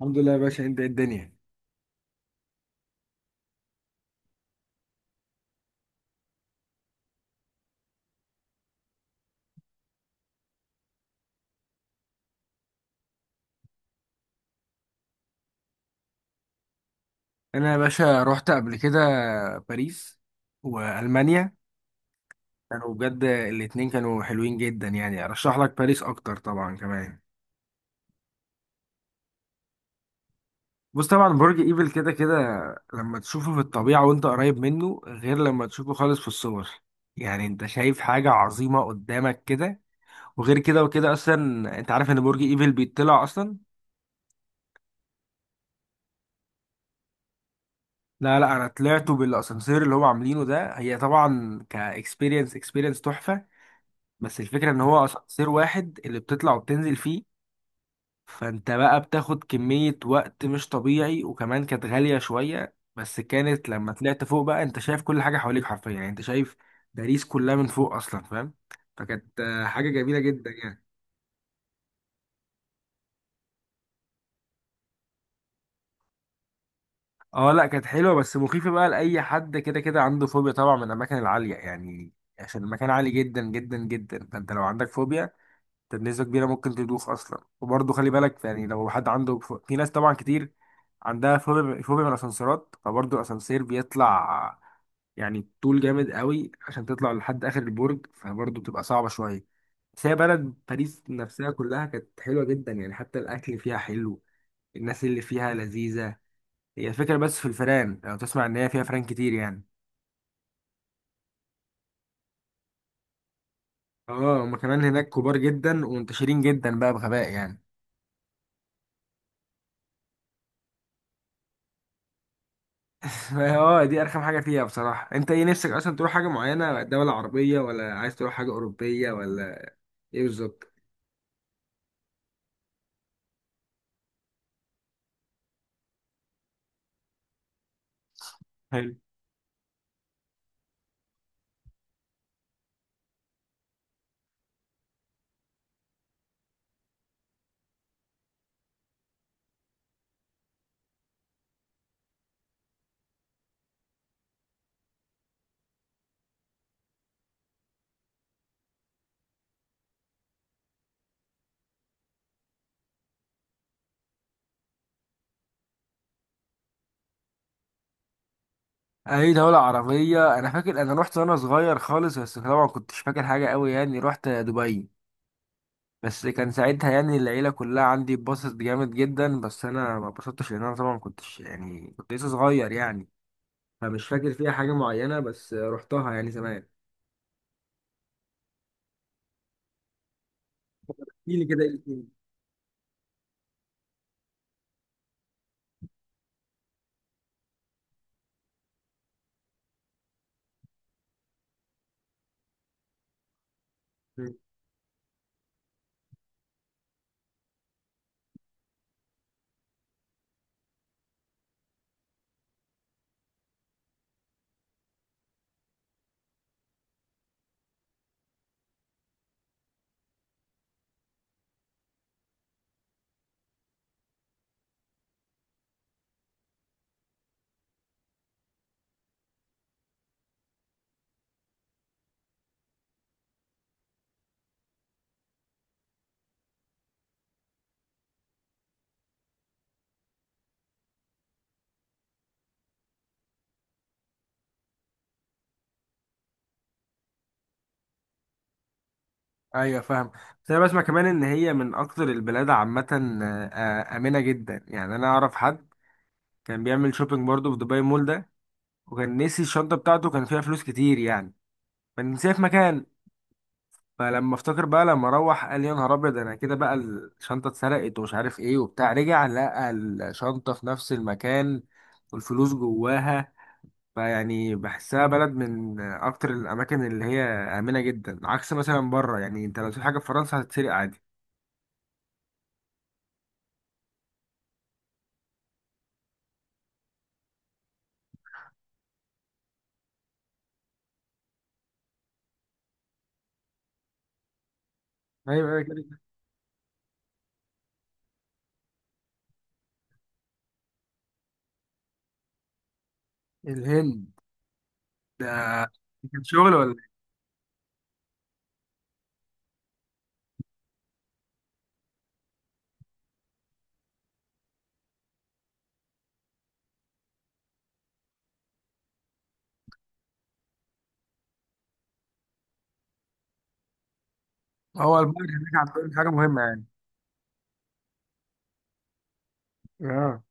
الحمد لله يا باشا، انت ايه الدنيا؟ انا يا باشا رحت قبل كده باريس والمانيا. كانوا بجد الاتنين كانوا حلوين جدا، يعني ارشح لك باريس اكتر طبعا كمان. بص، طبعا برج ايفل كده كده، لما تشوفه في الطبيعة وانت قريب منه غير لما تشوفه خالص في الصور. يعني انت شايف حاجة عظيمة قدامك كده. وغير كده وكده اصلا انت عارف ان برج ايفل بيطلع اصلا. لا لا، انا طلعته بالاسانسير اللي هو عاملينه ده، هي طبعا اكسبيرينس تحفة. بس الفكرة ان هو اسانسير واحد اللي بتطلع وبتنزل فيه. فانت بقى بتاخد كمية وقت مش طبيعي، وكمان كانت غالية شوية، بس كانت لما طلعت فوق بقى انت شايف كل حاجة حواليك حرفيا، يعني انت شايف باريس كلها من فوق اصلا، فاهم؟ فكانت حاجة جميلة جدا يعني. اه لا، كانت حلوة بس مخيفة بقى، لأي حد كده كده عنده فوبيا طبعا من الأماكن العالية يعني. عشان المكان عالي جدا جدا جدا، فانت لو عندك فوبيا انت بنسبة كبيرة ممكن تدوخ أصلا. وبرضه خلي بالك يعني، لو حد عنده في ناس طبعا كتير عندها فوبيا فوبيا من الأسانسيرات. فبرضه الأسانسير بيطلع يعني طول جامد قوي عشان تطلع لحد آخر البرج، فبرضه بتبقى صعبة شوية. بس هي بلد باريس نفسها كلها كانت حلوة جدا يعني، حتى الأكل فيها حلو. الناس اللي فيها لذيذة. هي الفكرة بس في الفئران، لو تسمع إن هي فيها فئران كتير يعني. اه هما كمان هناك كبار جدا ومنتشرين جدا بقى بغباء يعني. اه دي ارخم حاجه فيها بصراحه. انت ايه نفسك اصلا تروح، حاجه معينه، دوله عربيه ولا عايز تروح حاجه اوروبيه ولا ايه بالظبط؟ حلو. اي دولة عربية؟ انا فاكر انا رحت وانا صغير خالص، بس طبعا كنتش فاكر حاجة قوي يعني، رحت دبي. بس كان ساعتها يعني العيلة كلها عندي اتبسطت جامد جدا، بس انا ما اتبسطتش لان انا طبعا كنتش يعني كنت لسه صغير يعني. فمش فاكر فيها حاجة معينة بس رحتها يعني زمان. احكيلي كده ايه الدنيا. ايوه فاهم. بس انا بسمع كمان ان هي من اكتر البلاد عامه آه، امنه جدا يعني. انا اعرف حد كان بيعمل شوبينج برضه في دبي مول ده، وكان نسي الشنطه بتاعته كان فيها فلوس كتير يعني، فنسيها في مكان. فلما افتكر بقى لما روح قال يا نهار ابيض انا كده بقى الشنطه اتسرقت ومش عارف ايه وبتاع، رجع لقى الشنطه في نفس المكان والفلوس جواها. فيعني بحسها بلد من اكتر الاماكن اللي هي امنه جدا، عكس مثلا بره، يعني انت لو تشوف حاجه في فرنسا هتتسرق عادي. ايوه أيوة. الهند؟ ده كان شغل ولا إيه؟ هو البحر هناك عندهم حاجة مهمة يعني؟ اه.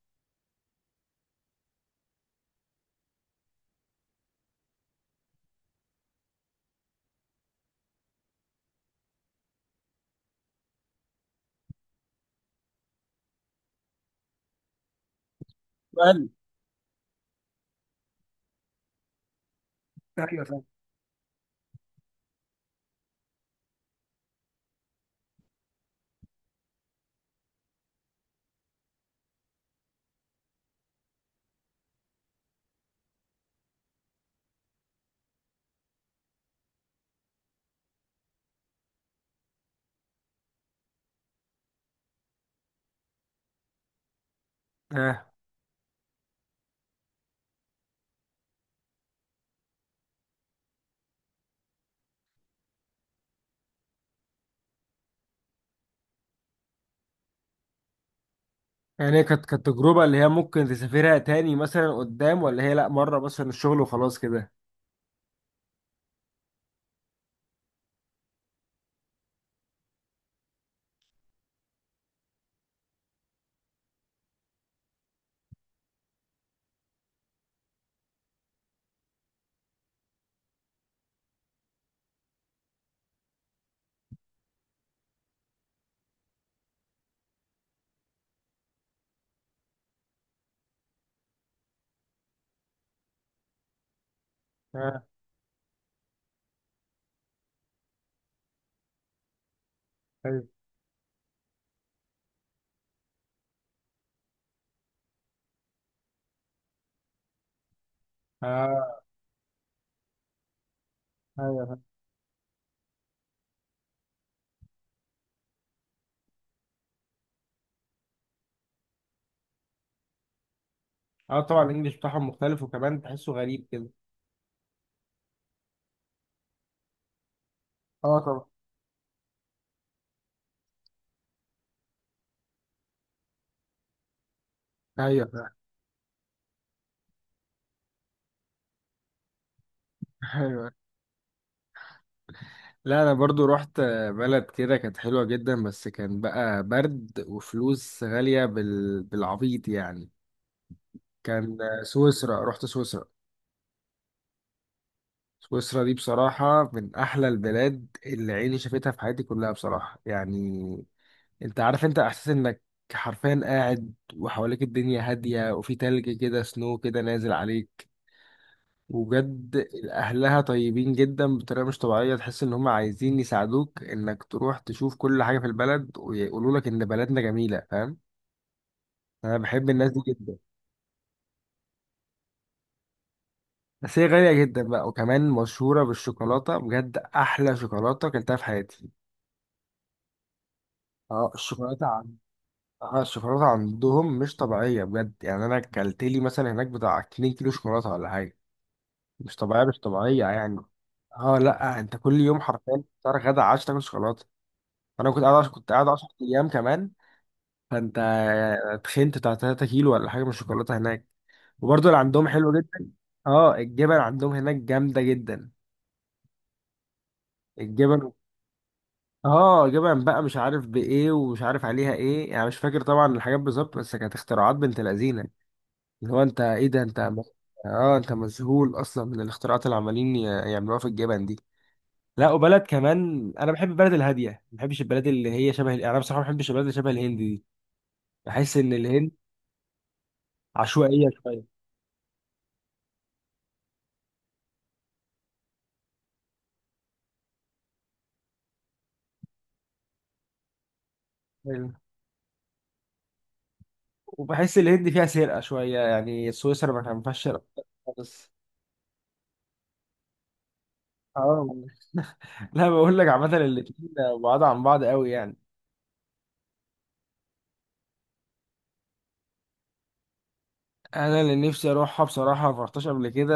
سؤال. ايوه فاهم. اه. يعني هي كانت تجربة اللي هي ممكن تسافرها تاني مثلا قدام، ولا هي لا مرة مثلا الشغل وخلاص كده؟ اه. ايوه. اه ايوه فاهم. اه طبعا الانجليش بتاعهم مختلف وكمان تحسه غريب كده. اه طبعا. ايوه فاهم. ايوه. لا انا برضو رحت بلد كده كانت حلوة جدا، بس كان بقى برد وفلوس غالية بالعبيط يعني. كان. سويسرا، رحت سويسرا. سويسرا دي بصراحة من أحلى البلاد اللي عيني شافتها في حياتي كلها بصراحة يعني. أنت عارف، أنت إحساس إنك حرفيا قاعد وحواليك الدنيا هادية وفي تلج كده سنو كده نازل عليك. وبجد أهلها طيبين جدا بطريقة مش طبيعية، تحس إن هم عايزين يساعدوك إنك تروح تشوف كل حاجة في البلد ويقولوا لك إن بلدنا جميلة، فاهم؟ أنا بحب الناس دي جدا. بس هي غالية جدا بقى، وكمان مشهورة بالشوكولاتة، بجد أحلى شوكولاتة أكلتها في حياتي. اه الشوكولاتة. الشوكولاته عندهم مش طبيعيه بجد يعني، انا اكلت لي مثلا هناك بتاع 2 كيلو شوكولاته ولا حاجه. مش طبيعيه مش طبيعيه يعني. اه لا انت كل يوم حرفيا فطار غدا عشاء تاكل شوكولاته. انا كنت قاعد كنت قاعد 10 ايام كمان. فانت تخنت بتاع 3 كيلو ولا حاجه من الشوكولاته هناك، وبرده اللي عندهم حلو جدا. اه الجبن عندهم هناك جامده جدا. الجبن. اه جبن بقى مش عارف بايه ومش عارف عليها ايه يعني، مش فاكر طبعا الحاجات بالظبط، بس كانت اختراعات بنت لذينه. اللي هو انت ايه ده اه انت مذهول اصلا من الاختراعات اللي عمالين يعملوها في الجبن دي. لا، وبلد كمان، انا بحب البلد الهاديه، ما بحبش البلد اللي هي شبه يعني، انا بصراحه ما بحبش البلد اللي شبه الهند دي. بحس ان الهند عشوائيه شويه. أيوة. وبحس الهند فيها سرقه شويه، يعني سويسرا ما فيهاش سرقه خالص. اه. لا بقول لك عامه الاتنين بعاد عن بعض قوي يعني. انا اللي نفسي اروحها بصراحه ما رحتش قبل كده.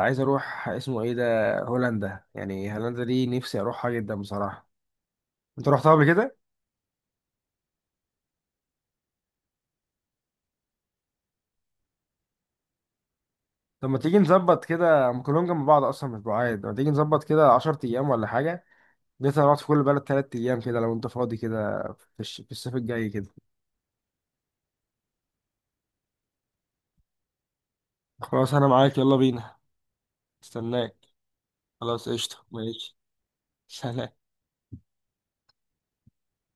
عايز اروح اسمه ايه ده هولندا، يعني هولندا دي نفسي اروحها جدا بصراحه. انت رحتها قبل كده؟ طب ما تيجي نظبط كده، هم كلهم جنب بعض اصلا مش بعاد، ما تيجي نظبط كده 10 ايام ولا حاجه؟ نقدر نقعد في كل بلد 3 ايام كده، لو انت فاضي كده في الصيف الجاي كده. خلاص انا معاك، يلا بينا. استناك. خلاص قشطه ماشي. سلام.